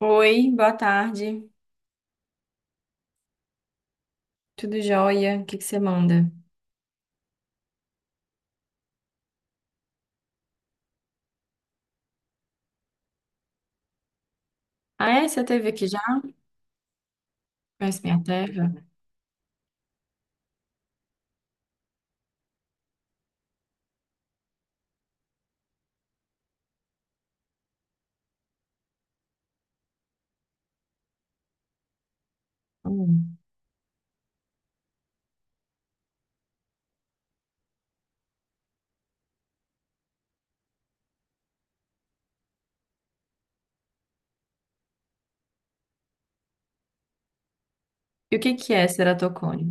Oi, boa tarde. Tudo jóia? O que que você manda? Ah, é? Você teve aqui já? Conhece minha terra? Hum. E o que que é ceratocone?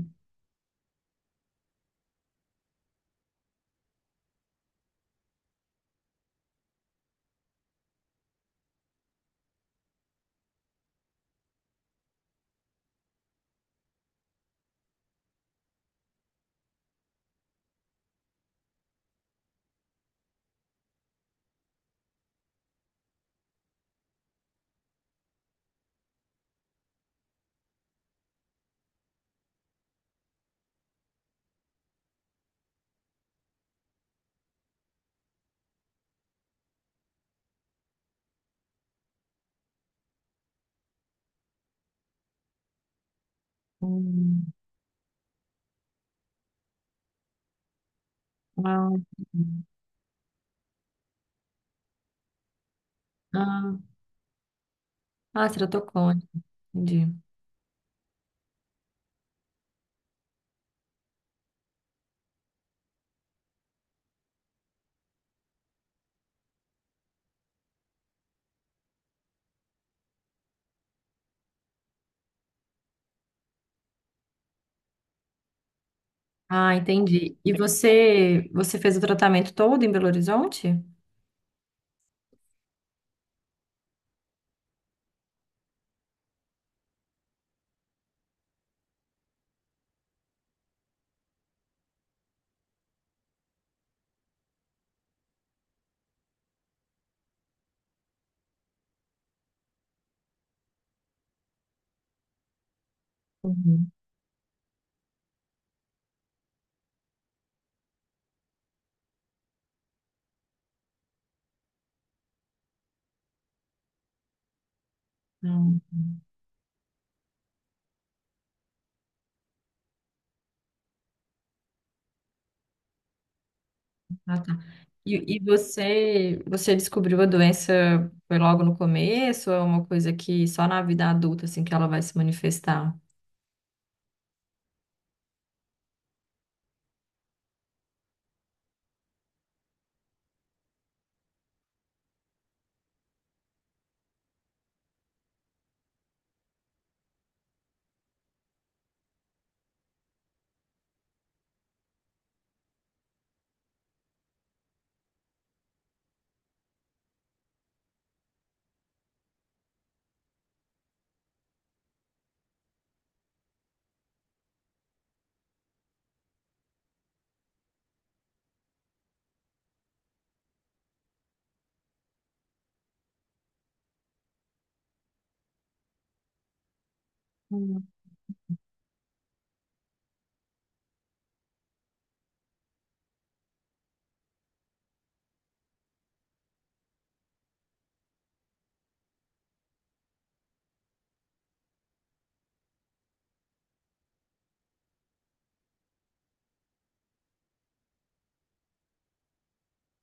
Hum. Ah, ah, ah, ceratocone. Entendi. Ah, entendi. E você fez o tratamento todo em Belo Horizonte? Uhum. Não. Ah, tá. E você descobriu a doença foi logo no começo ou é uma coisa que só na vida adulta assim que ela vai se manifestar?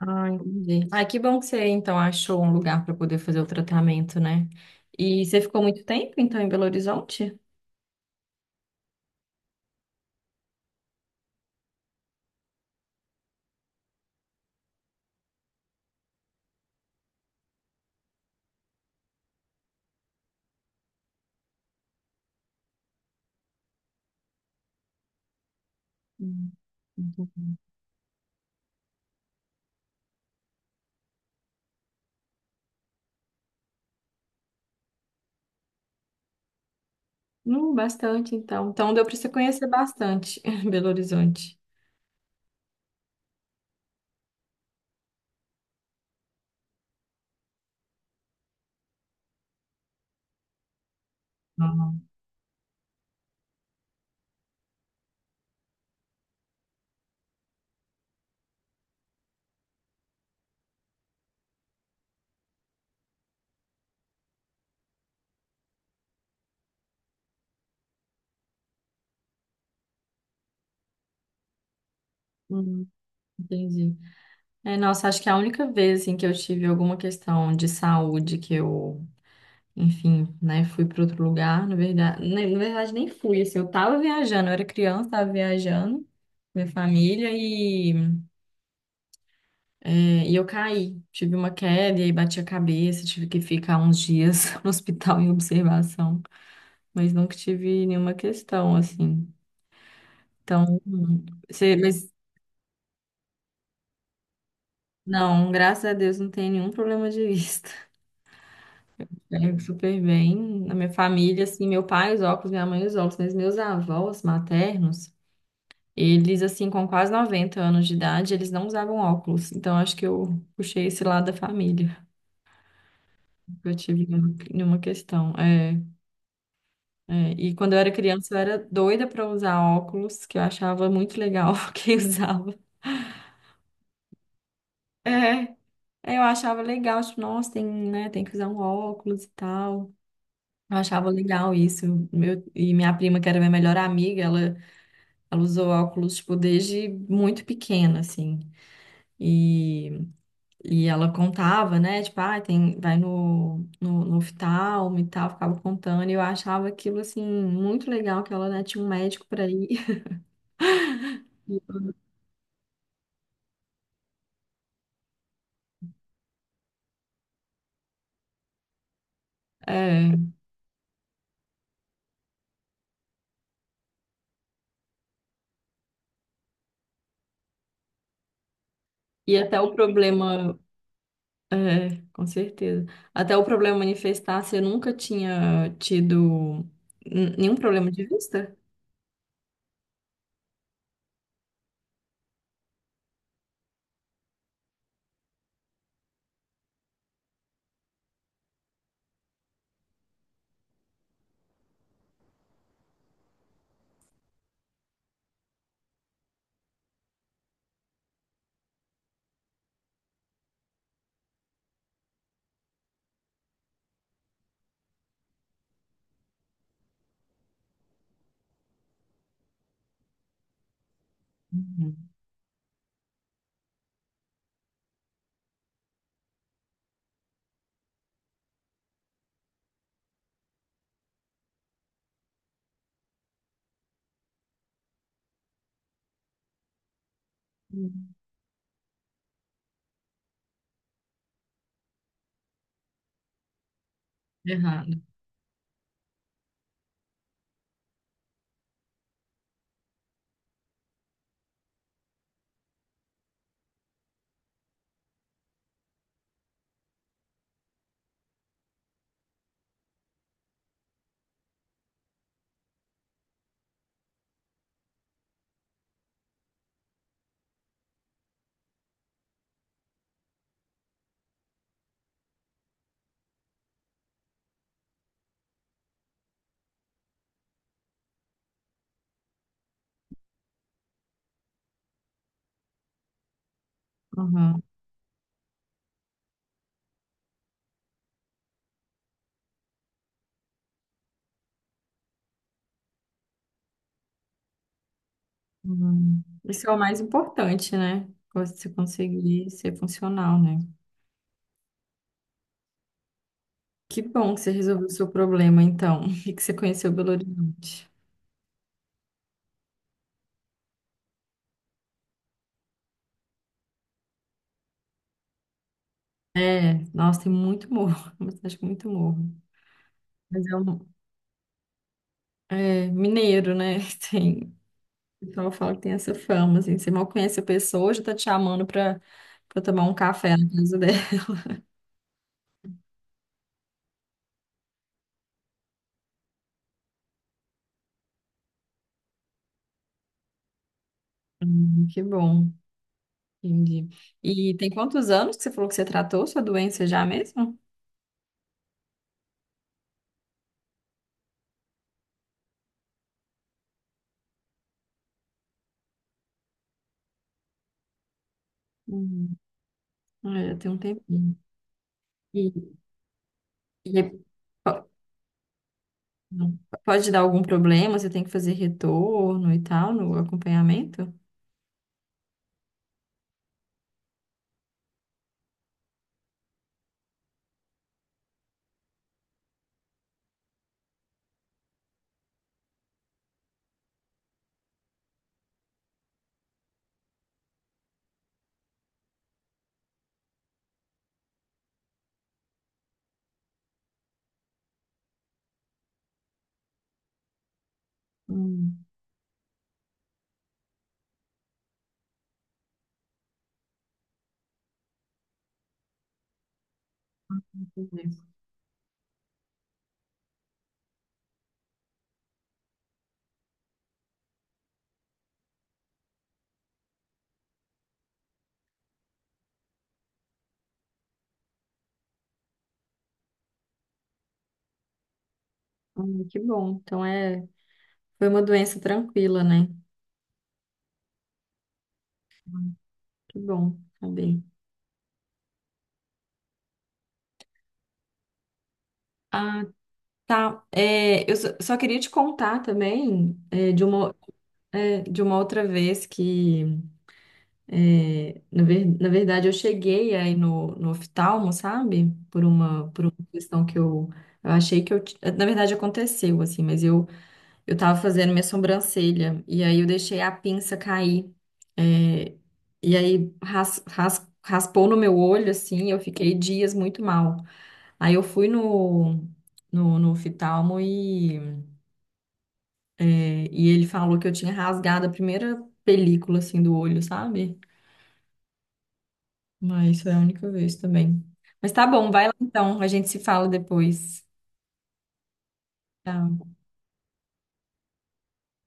Ah, entendi. Ah, que bom que você então achou um lugar para poder fazer o tratamento, né? E você ficou muito tempo então em Belo Horizonte? Hum, muito. Bastante então. Então deu para você conhecer bastante Belo Horizonte. Ah, hum, entendi. É, nossa, acho que é a única vez assim que eu tive alguma questão de saúde que eu, né, fui para outro lugar, na verdade, na verdade nem fui, assim. Eu tava viajando, eu era criança, tava viajando, minha família. É, e eu caí, tive uma queda e aí bati a cabeça, tive que ficar uns dias no hospital em observação, mas nunca tive nenhuma questão assim. Então, você, mas não, graças a Deus não tem nenhum problema de vista. É super bem. Na minha família, assim, meu pai os óculos, minha mãe os óculos, mas meus avós maternos, eles assim com quase 90 anos de idade, eles não usavam óculos. Então acho que eu puxei esse lado da família. Nunca tive nenhuma questão. É, é, e quando eu era criança, eu era doida pra usar óculos, que eu achava muito legal quem usava. É, é, eu achava legal, tipo, nossa, tem, né, tem que usar um óculos e tal. Eu achava legal isso. Meu, e minha prima, que era minha melhor amiga, ela usou óculos, tipo, desde muito pequena, assim. E, e ela contava, né? Tipo, ah, tem, vai no oftalmo e tal, ficava contando. E eu achava aquilo, assim, muito legal, que ela, né, tinha um médico pra ir. E até o problema, é, com certeza. Até o problema manifestar, você nunca tinha tido nenhum problema de vista? Uhum. Uhum. Errado. Uhum. Uhum. Isso é o mais importante, né? Você conseguir ser funcional, né? Que bom que você resolveu o seu problema, então, e que você conheceu Belo Horizonte. É, nossa, tem muito morro, mas acho que muito morro. Mas é um é, mineiro, né? Tem. O pessoal fala que tem essa fama, assim. Você mal conhece a pessoa, já tá te chamando pra, pra tomar um café na casa dela. Que bom, entendi. E tem quantos anos que você falou que você tratou sua doença já mesmo? Hum, é, já tem um tempinho. E, e é- po- não, pode dar algum problema? Você tem que fazer retorno e tal no acompanhamento? Hum, entendi. Que bom. Então é, foi uma doença tranquila, né? Que bom saber. Ah, tá, é, eu só queria te contar também é, de uma outra vez que, é, na verdade, eu cheguei aí no oftalmo, sabe? Por por uma questão que eu achei que eu... Na verdade, aconteceu, assim, mas eu tava fazendo minha sobrancelha e aí eu deixei a pinça cair. É, e aí raspou no meu olho, assim, eu fiquei dias muito mal. Aí eu fui no oftalmo e... É, e ele falou que eu tinha rasgado a primeira película assim do olho, sabe? Mas foi a única vez também. Mas tá bom, vai lá então, a gente se fala depois. Tchau.